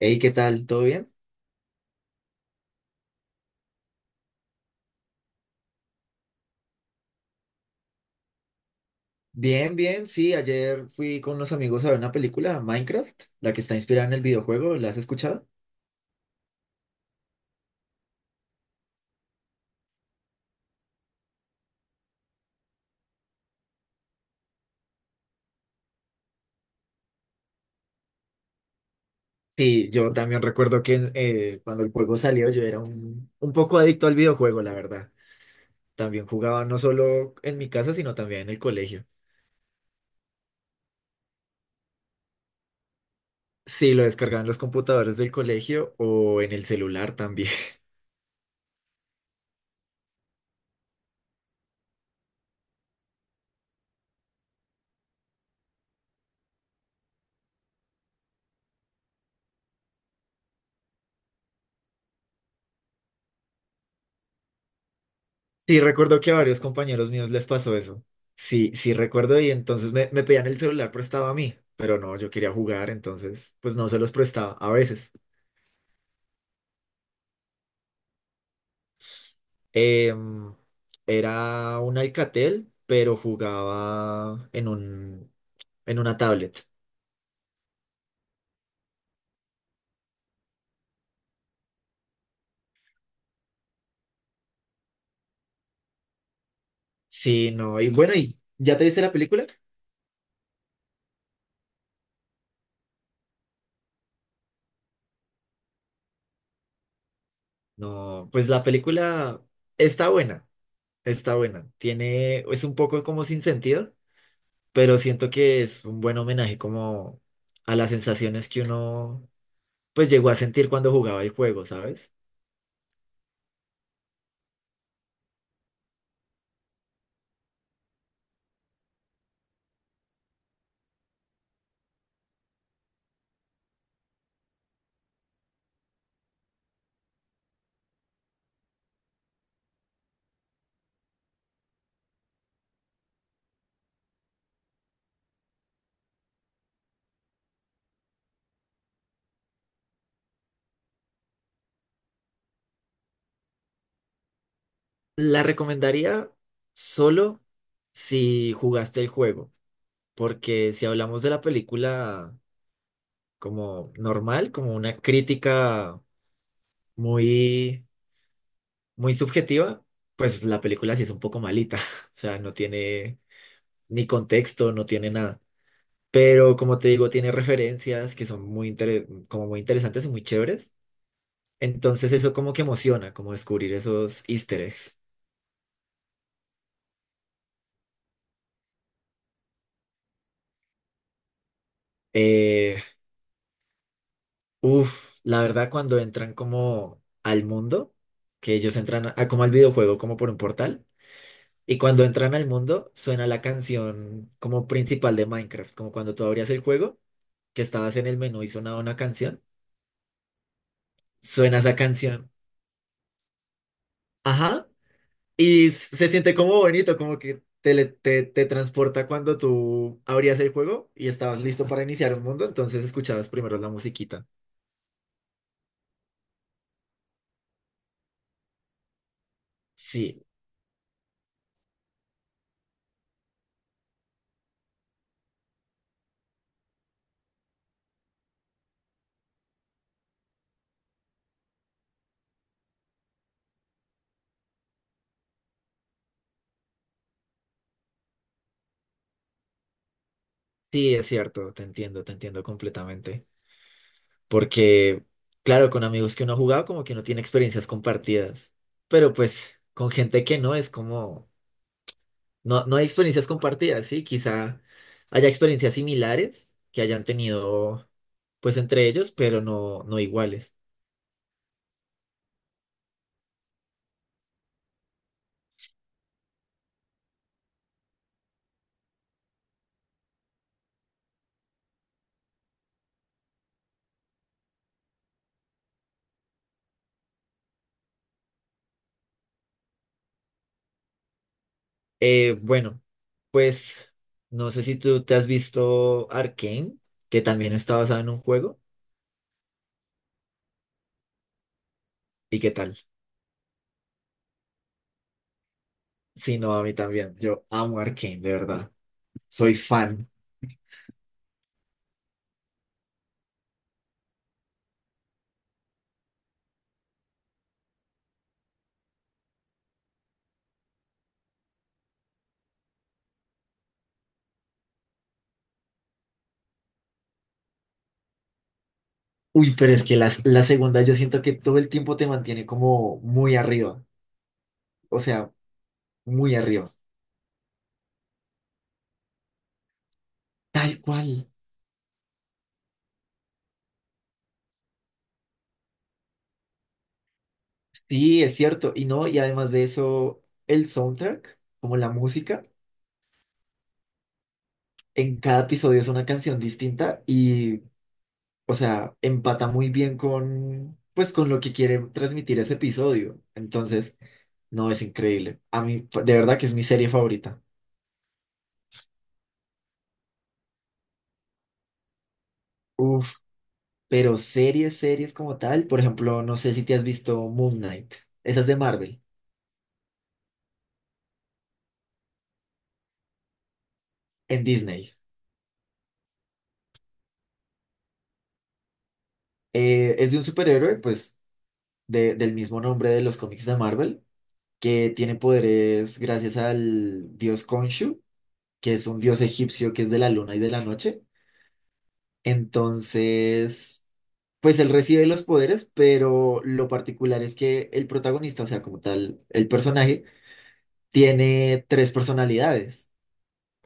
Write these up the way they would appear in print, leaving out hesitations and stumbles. Hey, ¿qué tal? ¿Todo bien? Bien, bien, sí, ayer fui con unos amigos a ver una película, Minecraft, la que está inspirada en el videojuego, ¿la has escuchado? Sí, yo también recuerdo que cuando el juego salió yo era un poco adicto al videojuego, la verdad. También jugaba no solo en mi casa, sino también en el colegio. Sí, lo descargaba en los computadores del colegio o en el celular también. Sí, recuerdo que a varios compañeros míos les pasó eso. Sí, sí recuerdo y entonces me pedían el celular prestado a mí, pero no, yo quería jugar, entonces pues no se los prestaba a veces. Em, Era un Alcatel, pero jugaba en una tablet. Sí, no, y bueno, ¿y ya te viste la película? No, pues la película está buena, está buena. Tiene, es un poco como sin sentido, pero siento que es un buen homenaje como a las sensaciones que uno pues llegó a sentir cuando jugaba el juego, ¿sabes? La recomendaría solo si jugaste el juego, porque si hablamos de la película como normal, como una crítica muy muy subjetiva, pues la película sí es un poco malita, o sea, no tiene ni contexto, no tiene nada. Pero como te digo, tiene referencias que son muy, como muy interesantes y muy chéveres. Entonces eso como que emociona, como descubrir esos easter eggs. Eh, la verdad cuando entran como al mundo, que ellos como al videojuego, como por un portal, y cuando entran al mundo suena la canción como principal de Minecraft, como cuando tú abrías el juego, que estabas en el menú y sonaba una canción, suena esa canción. Ajá. Y se siente como bonito, como que te transporta cuando tú abrías el juego y estabas listo para iniciar un mundo, entonces escuchabas primero la musiquita. Sí, sí, es cierto, te entiendo completamente. Porque, claro, con amigos que uno ha jugado, como que uno tiene experiencias compartidas, pero pues con gente que no es como, no, no hay experiencias compartidas, ¿sí? Quizá haya experiencias similares que hayan tenido, pues, entre ellos, pero no, no iguales. Bueno, pues no sé si tú te has visto Arcane, que también está basado en un juego. ¿Y qué tal? Sí, no, a mí también. Yo amo Arcane, de verdad. Soy fan. Uy, pero es que la segunda yo siento que todo el tiempo te mantiene como muy arriba. O sea, muy arriba. Tal cual. Sí, es cierto. Y no, y además de eso, el soundtrack, como la música, en cada episodio es una canción distinta y o sea, empata muy bien con, pues, con lo que quiere transmitir ese episodio. Entonces, no, es increíble. A mí, de verdad que es mi serie favorita. Uf, pero series, series como tal, por ejemplo, no sé si te has visto Moon Knight. Esa es de Marvel, en Disney. Es de un superhéroe, pues, del mismo nombre de los cómics de Marvel, que tiene poderes gracias al dios Khonshu, que es un dios egipcio que es de la luna y de la noche. Entonces... Pues él recibe los poderes, pero lo particular es que el protagonista, o sea, como tal, el personaje, tiene tres personalidades.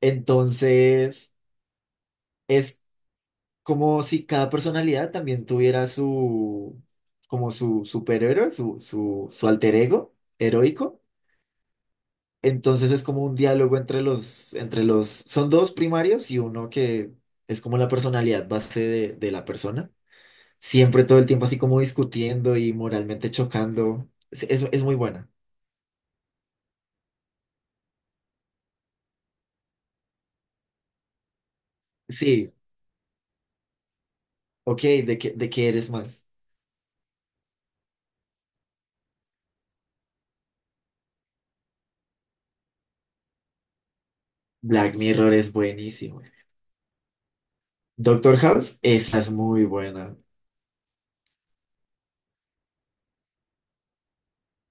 Entonces, es como si cada personalidad también tuviera su, como su superhéroe, su alter ego heroico. Entonces es como un diálogo son dos primarios y uno que es como la personalidad base de la persona. Siempre todo el tiempo así como discutiendo y moralmente chocando. Eso es muy buena. Sí, ok, de qué eres más? Black Mirror es buenísimo. Doctor House, esa es muy buena.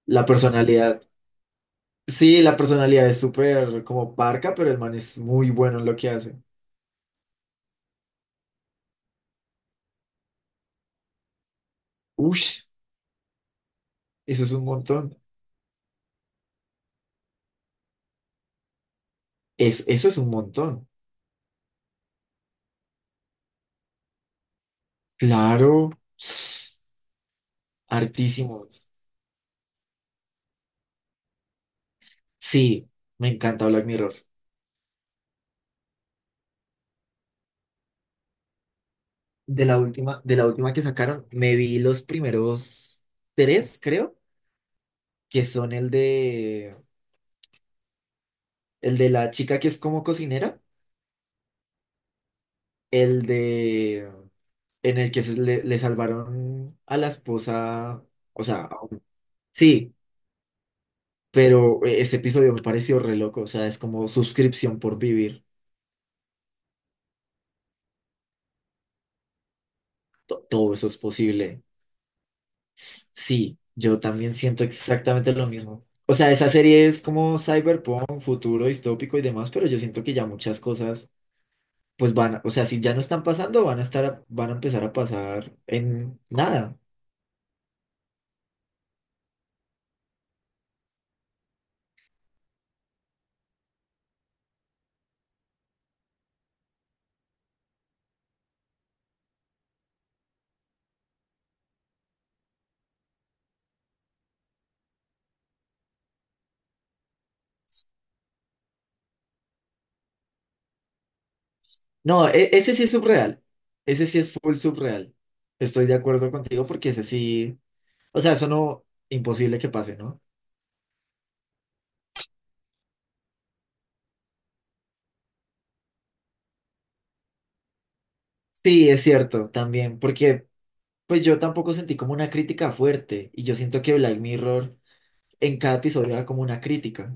La personalidad, sí, la personalidad es súper como parca, pero el man es muy bueno en lo que hace. Ush, eso es un montón. Es, eso es un montón. Claro, hartísimos. Sí, me encanta Black Mirror. De la última que sacaron, me vi los primeros tres, creo, que son el de la chica que es como cocinera, el de en el que le salvaron a la esposa, o sea, sí, pero ese episodio me pareció re loco, o sea, es como suscripción por vivir, todo eso es posible. Sí, yo también siento exactamente lo mismo. O sea, esa serie es como cyberpunk, futuro distópico y demás, pero yo siento que ya muchas cosas pues van, o sea, si ya no están pasando, van a estar, van a empezar a pasar en nada. No, ese sí es subreal. Ese sí es full subreal. Estoy de acuerdo contigo porque ese sí, o sea, eso no, imposible que pase, ¿no? Sí, es cierto, también, porque pues yo tampoco sentí como una crítica fuerte y yo siento que Black Mirror en cada episodio da como una crítica.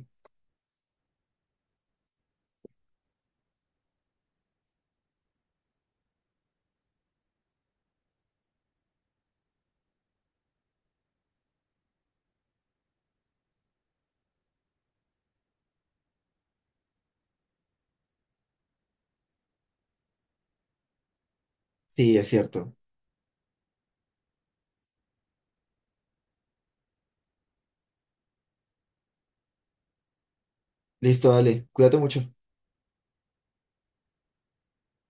Sí, es cierto. Listo, dale, cuídate mucho.